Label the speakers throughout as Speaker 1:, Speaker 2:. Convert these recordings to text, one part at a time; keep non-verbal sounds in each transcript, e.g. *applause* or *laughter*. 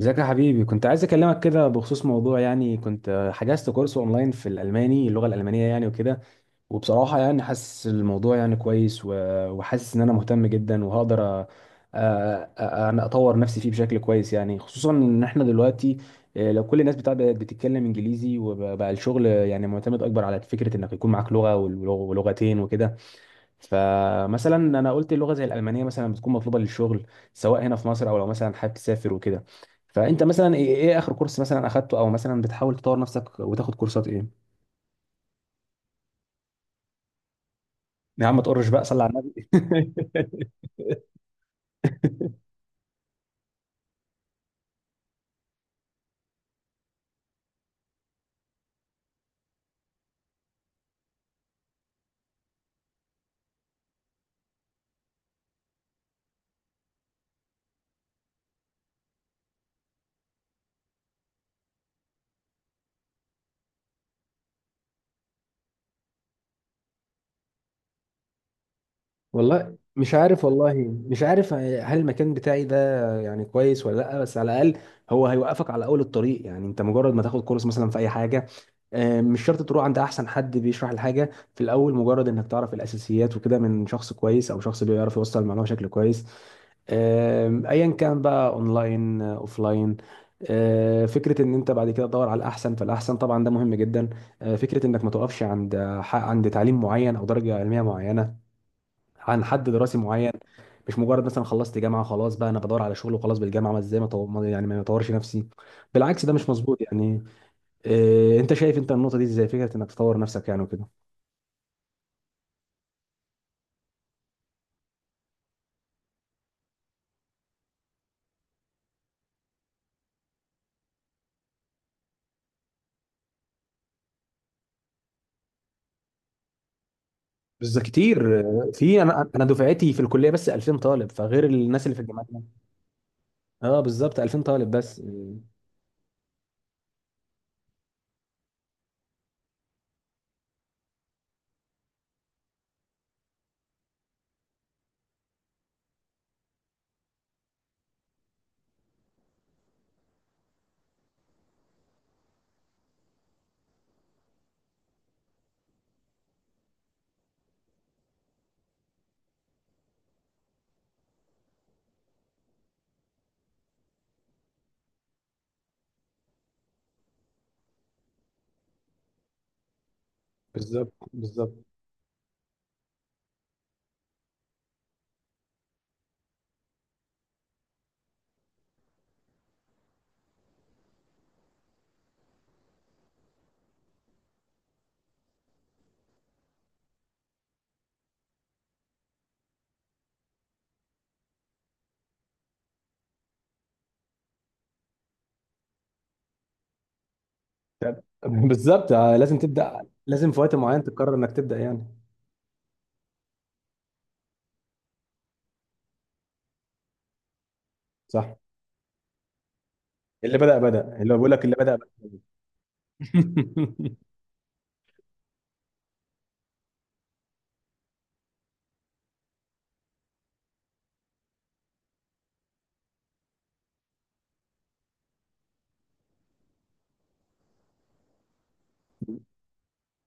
Speaker 1: ازيك يا حبيبي، كنت عايز اكلمك كده بخصوص موضوع. يعني كنت حجزت كورس اونلاين في الالماني، اللغه الالمانيه يعني وكده. وبصراحه يعني حاسس الموضوع يعني كويس، وحاسس ان انا مهتم جدا، وهقدر انا اطور نفسي فيه بشكل كويس يعني، خصوصا ان احنا دلوقتي لو كل الناس بتاع بقت بتتكلم انجليزي، وبقى الشغل يعني معتمد اكبر على فكره انك يكون معاك لغه ولغتين وكده. فمثلا انا قلت اللغه زي الالمانيه مثلا بتكون مطلوبه للشغل، سواء هنا في مصر او لو مثلا حابب تسافر وكده. فانت مثلا إيه اخر كورس مثلا اخدته؟ او مثلا بتحاول تطور نفسك وتاخد كورسات ايه؟ يا عم ما تقرش بقى، صلي على النبي. *laughs* والله مش عارف، والله مش عارف هل المكان بتاعي ده يعني كويس ولا لا، بس على الاقل هو هيوقفك على اول الطريق. يعني انت مجرد ما تاخد كورس مثلا في اي حاجه، مش شرط تروح عند احسن حد بيشرح الحاجه في الاول. مجرد انك تعرف الاساسيات وكده من شخص كويس او شخص بيعرف يوصل المعلومه بشكل كويس، ايا كان بقى اونلاين اوفلاين. فكره ان انت بعد كده تدور على الاحسن فالاحسن طبعا ده مهم جدا. فكره انك ما توقفش عند عند تعليم معين او درجه علميه معينه، عن حد دراسي معين. مش مجرد مثلا خلصت جامعه خلاص، بقى انا بدور على شغل وخلاص بالجامعه. ما ازاي ما طو- ما- يعني ما اطورش نفسي؟ بالعكس ده مش مظبوط يعني. إيه انت شايف انت النقطه دي ازاي؟ فكره انك تطور نفسك يعني وكده. بالظبط كتير. في انا دفعتي في الكليه بس 2000 طالب، فغير الناس اللي في الجامعات يعني. اه بالظبط 2000 طالب بس. بالظبط بالظبط. *laughs* بالظبط. لازم لازم في وقت معين تقرر انك تبدا يعني. صح. اللي بدا بدا، اللي بقول لك اللي بدا بدا. *laughs*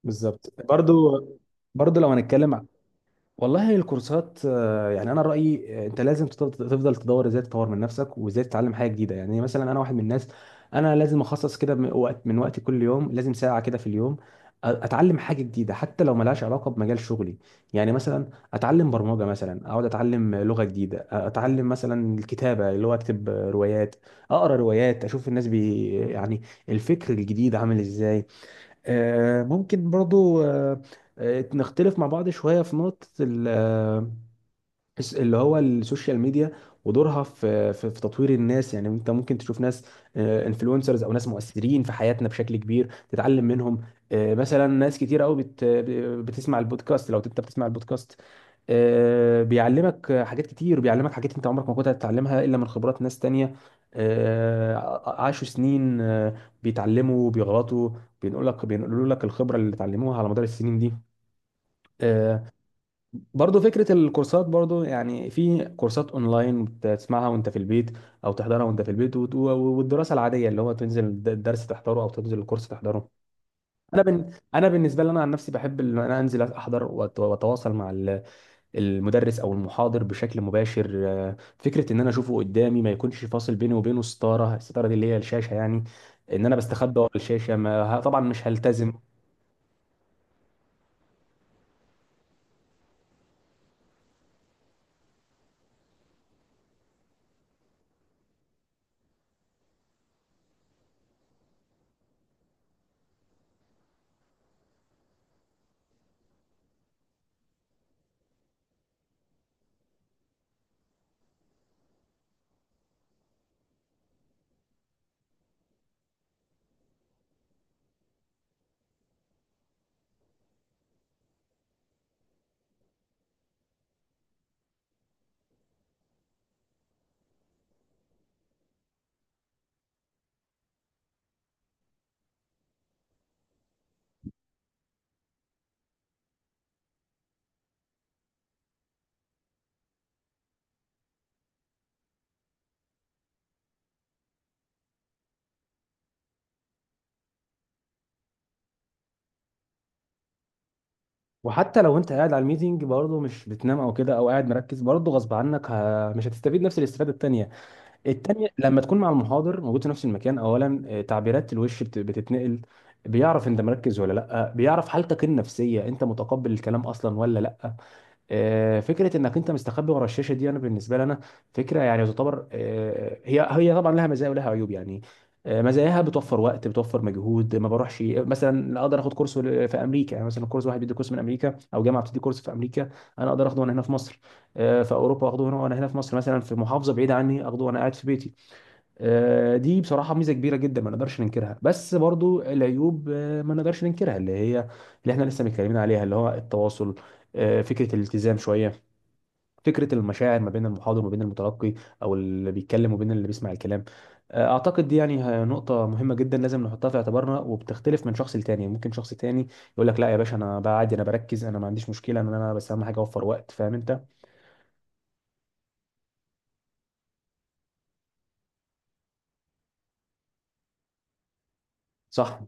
Speaker 1: بالظبط برضو. برضو لو والله الكورسات، يعني انا رايي انت لازم تفضل تدور ازاي تطور من نفسك وازاي تتعلم حاجه جديده. يعني مثلا انا واحد من الناس، انا لازم اخصص كده من وقت، من وقتي كل يوم لازم ساعه كده في اليوم، اتعلم حاجه جديده حتى لو ملهاش علاقه بمجال شغلي. يعني مثلا اتعلم برمجه، مثلا اقعد اتعلم لغه جديده، اتعلم مثلا الكتابه اللي هو اكتب روايات، اقرا روايات، اشوف الناس بي يعني الفكر الجديد عامل ازاي. ممكن برضو نختلف مع بعض شوية في نقطة اللي هو السوشيال ميديا ودورها في في تطوير الناس. يعني انت ممكن تشوف ناس انفلونسرز او ناس مؤثرين في حياتنا بشكل كبير تتعلم منهم. مثلا ناس كتير قوي بتسمع البودكاست. لو انت بتسمع البودكاست، بيعلمك حاجات كتير، بيعلمك حاجات انت عمرك ما كنت هتتعلمها الا من خبرات ناس تانية عاشوا سنين، بيتعلموا بيغلطوا، بينقول لك بينقلوا لك الخبرة اللي اتعلموها على مدار السنين دي. آه، برضو فكرة الكورسات. برضو يعني في كورسات اونلاين بتسمعها وانت في البيت او تحضرها وانت في البيت، والدراسة العادية اللي هو تنزل الدرس تحضره او تنزل الكورس تحضره. انا بالنسبة لي انا عن نفسي بحب ان انا انزل احضر واتواصل مع المدرس او المحاضر بشكل مباشر. فكره ان انا اشوفه قدامي، ما يكونش فاصل بيني وبينه ستاره، الستاره دي اللي هي الشاشه يعني، ان انا بستخبى ورا الشاشه. ما ه- طبعا مش هلتزم. وحتى لو انت قاعد على الميتنج، برضه مش بتنام او كده او قاعد مركز، برضه غصب عنك مش هتستفيد نفس الاستفاده التانيه لما تكون مع المحاضر موجود في نفس المكان. اولا تعبيرات الوش بتتنقل، بيعرف انت مركز ولا لا، بيعرف حالتك النفسيه، انت متقبل الكلام اصلا ولا لا. فكره انك انت مستخبي ورا الشاشه دي، انا بالنسبه لي انا فكره، يعني تعتبر هي طبعا لها مزايا ولها عيوب يعني. مزاياها بتوفر وقت، بتوفر مجهود، ما بروحش، مثلا اقدر اخد كورس في امريكا يعني، مثلا كورس واحد بيدي كورس من امريكا، او جامعه بتدي كورس في امريكا، انا اقدر اخده وانا هنا في مصر. في اوروبا اخده هنا وانا هنا في مصر، مثلا في محافظه بعيده عني اخده وانا قاعد في بيتي. دي بصراحة ميزة كبيرة جدا ما نقدرش ننكرها، بس برضو العيوب ما نقدرش ننكرها، اللي هي اللي احنا لسه متكلمين عليها، اللي هو التواصل، فكرة الالتزام شوية، فكرة المشاعر ما بين المحاضر وما بين المتلقي، أو اللي بيتكلم وبين اللي بيسمع الكلام. أعتقد دي يعني نقطة مهمة جدا لازم نحطها في اعتبارنا، وبتختلف من شخص لتاني. ممكن شخص تاني يقول لك لا يا باشا، أنا بقى عادي، أنا بركز، أنا ما عنديش مشكلة، إن أنا بس أهم حاجة أوفر وقت. فاهم أنت؟ صح.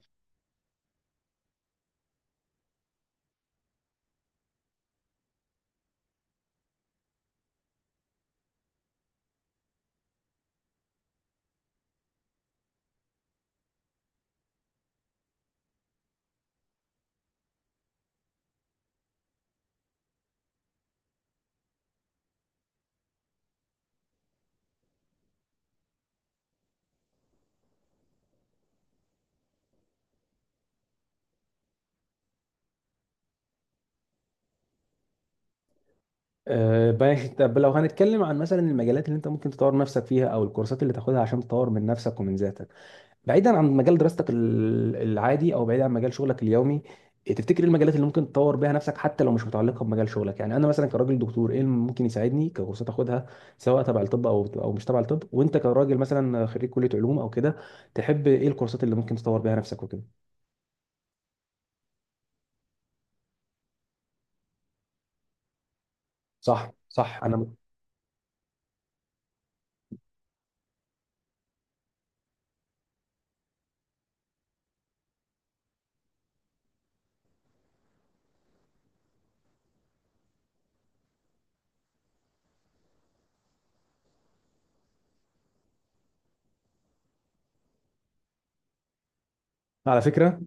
Speaker 1: طب لو هنتكلم عن مثلا المجالات اللي انت ممكن تطور نفسك فيها، او الكورسات اللي تاخدها عشان تطور من نفسك ومن ذاتك، بعيدا عن مجال دراستك العادي، او بعيدا عن مجال شغلك اليومي. إيه تفتكر ايه المجالات اللي ممكن تطور بيها نفسك حتى لو مش متعلقه بمجال شغلك؟ يعني انا مثلا كراجل دكتور، ايه اللي ممكن يساعدني ككورسات اخدها سواء تبع الطب او مش تبع الطب؟ وانت كراجل مثلا خريج كليه علوم او كده، تحب ايه الكورسات اللي ممكن تطور بيها نفسك وكده؟ صح انا، على فكره،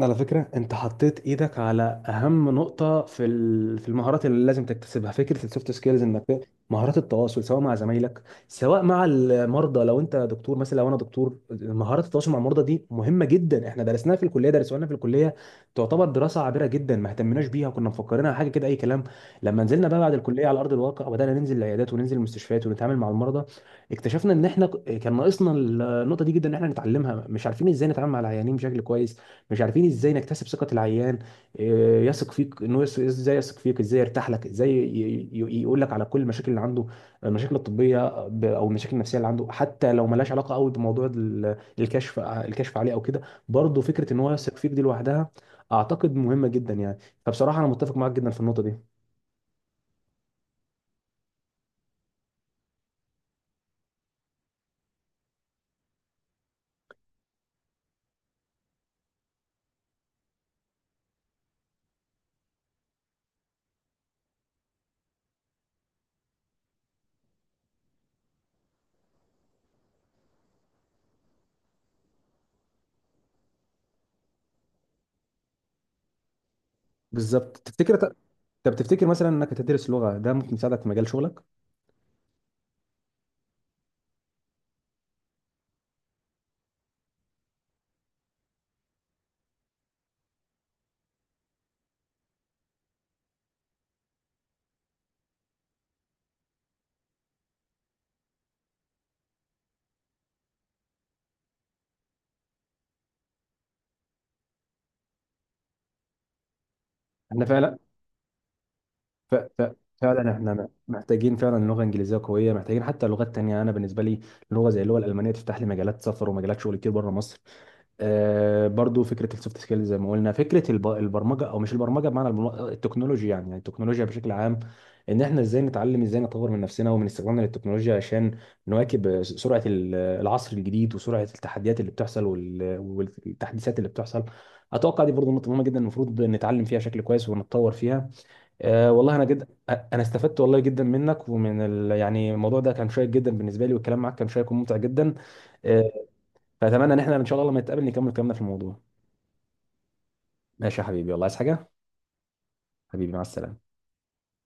Speaker 1: على فكرة انت حطيت ايدك على اهم نقطة في في المهارات اللي لازم تكتسبها، فكرة السوفت سكيلز. انك مهارات التواصل سواء مع زمايلك، سواء مع المرضى، لو انت دكتور مثلا. لو انا دكتور، مهارات التواصل مع المرضى دي مهمة جدا. احنا درسناها في الكلية، درسوها لنا في الكلية، تعتبر دراسة عابرة جدا، ما اهتمناش بيها، وكنا مفكرينها حاجة كده اي كلام. لما نزلنا بقى بعد الكلية على ارض الواقع، وبدأنا ننزل العيادات وننزل المستشفيات ونتعامل مع المرضى، اكتشفنا ان احنا كان ناقصنا النقطة دي جدا، ان احنا نتعلمها. مش عارفين ازاي نتعامل مع العيانين بشكل كويس، مش عارفين ازاي نكتسب ثقة العيان. يثق فيك، ازاي يثق فيك، ازاي يرتاح لك، ازاي يقول لك على كل المشاكل اللي عنده، المشاكل الطبية او المشاكل النفسية اللي عنده حتى لو ملهاش علاقة قوي بموضوع الكشف، الكشف عليه او كده. برضه فكرة ان هو يثق فيك دي لوحدها اعتقد مهمة جدا يعني. فبصراحة انا متفق معاك جدا في النقطة دي. بالظبط. تفتكر، طب تفتكر مثلا انك هتدرس لغة ده ممكن يساعدك في مجال شغلك؟ انا فعلا، فعلا احنا محتاجين فعلا لغه انجليزيه قويه، محتاجين حتى لغات تانية. انا بالنسبه لي، لغه زي اللغه الالمانيه تفتح لي مجالات سفر ومجالات شغل كتير بره مصر. آه برضو فكره السوفت سكيلز زي ما قلنا، فكره البرمجه، او مش البرمجه بمعنى التكنولوجيا يعني، يعني التكنولوجيا بشكل عام، ان احنا ازاي نتعلم، ازاي نطور من نفسنا ومن استخدامنا للتكنولوجيا، عشان نواكب سرعه العصر الجديد، وسرعه التحديات اللي بتحصل والتحديثات اللي بتحصل. اتوقع دي برضو نقطه مهمه جدا المفروض نتعلم فيها بشكل كويس ونتطور فيها. أه والله انا جد انا استفدت والله جدا منك ومن يعني الموضوع ده كان شيق جدا بالنسبه لي، والكلام معاك كان شيق وممتع جدا. أه فاتمنى ان احنا ان شاء الله لما نتقابل نكمل كلامنا في الموضوع. ماشي يا حبيبي. والله عايز حاجه؟ حبيبي مع السلامه.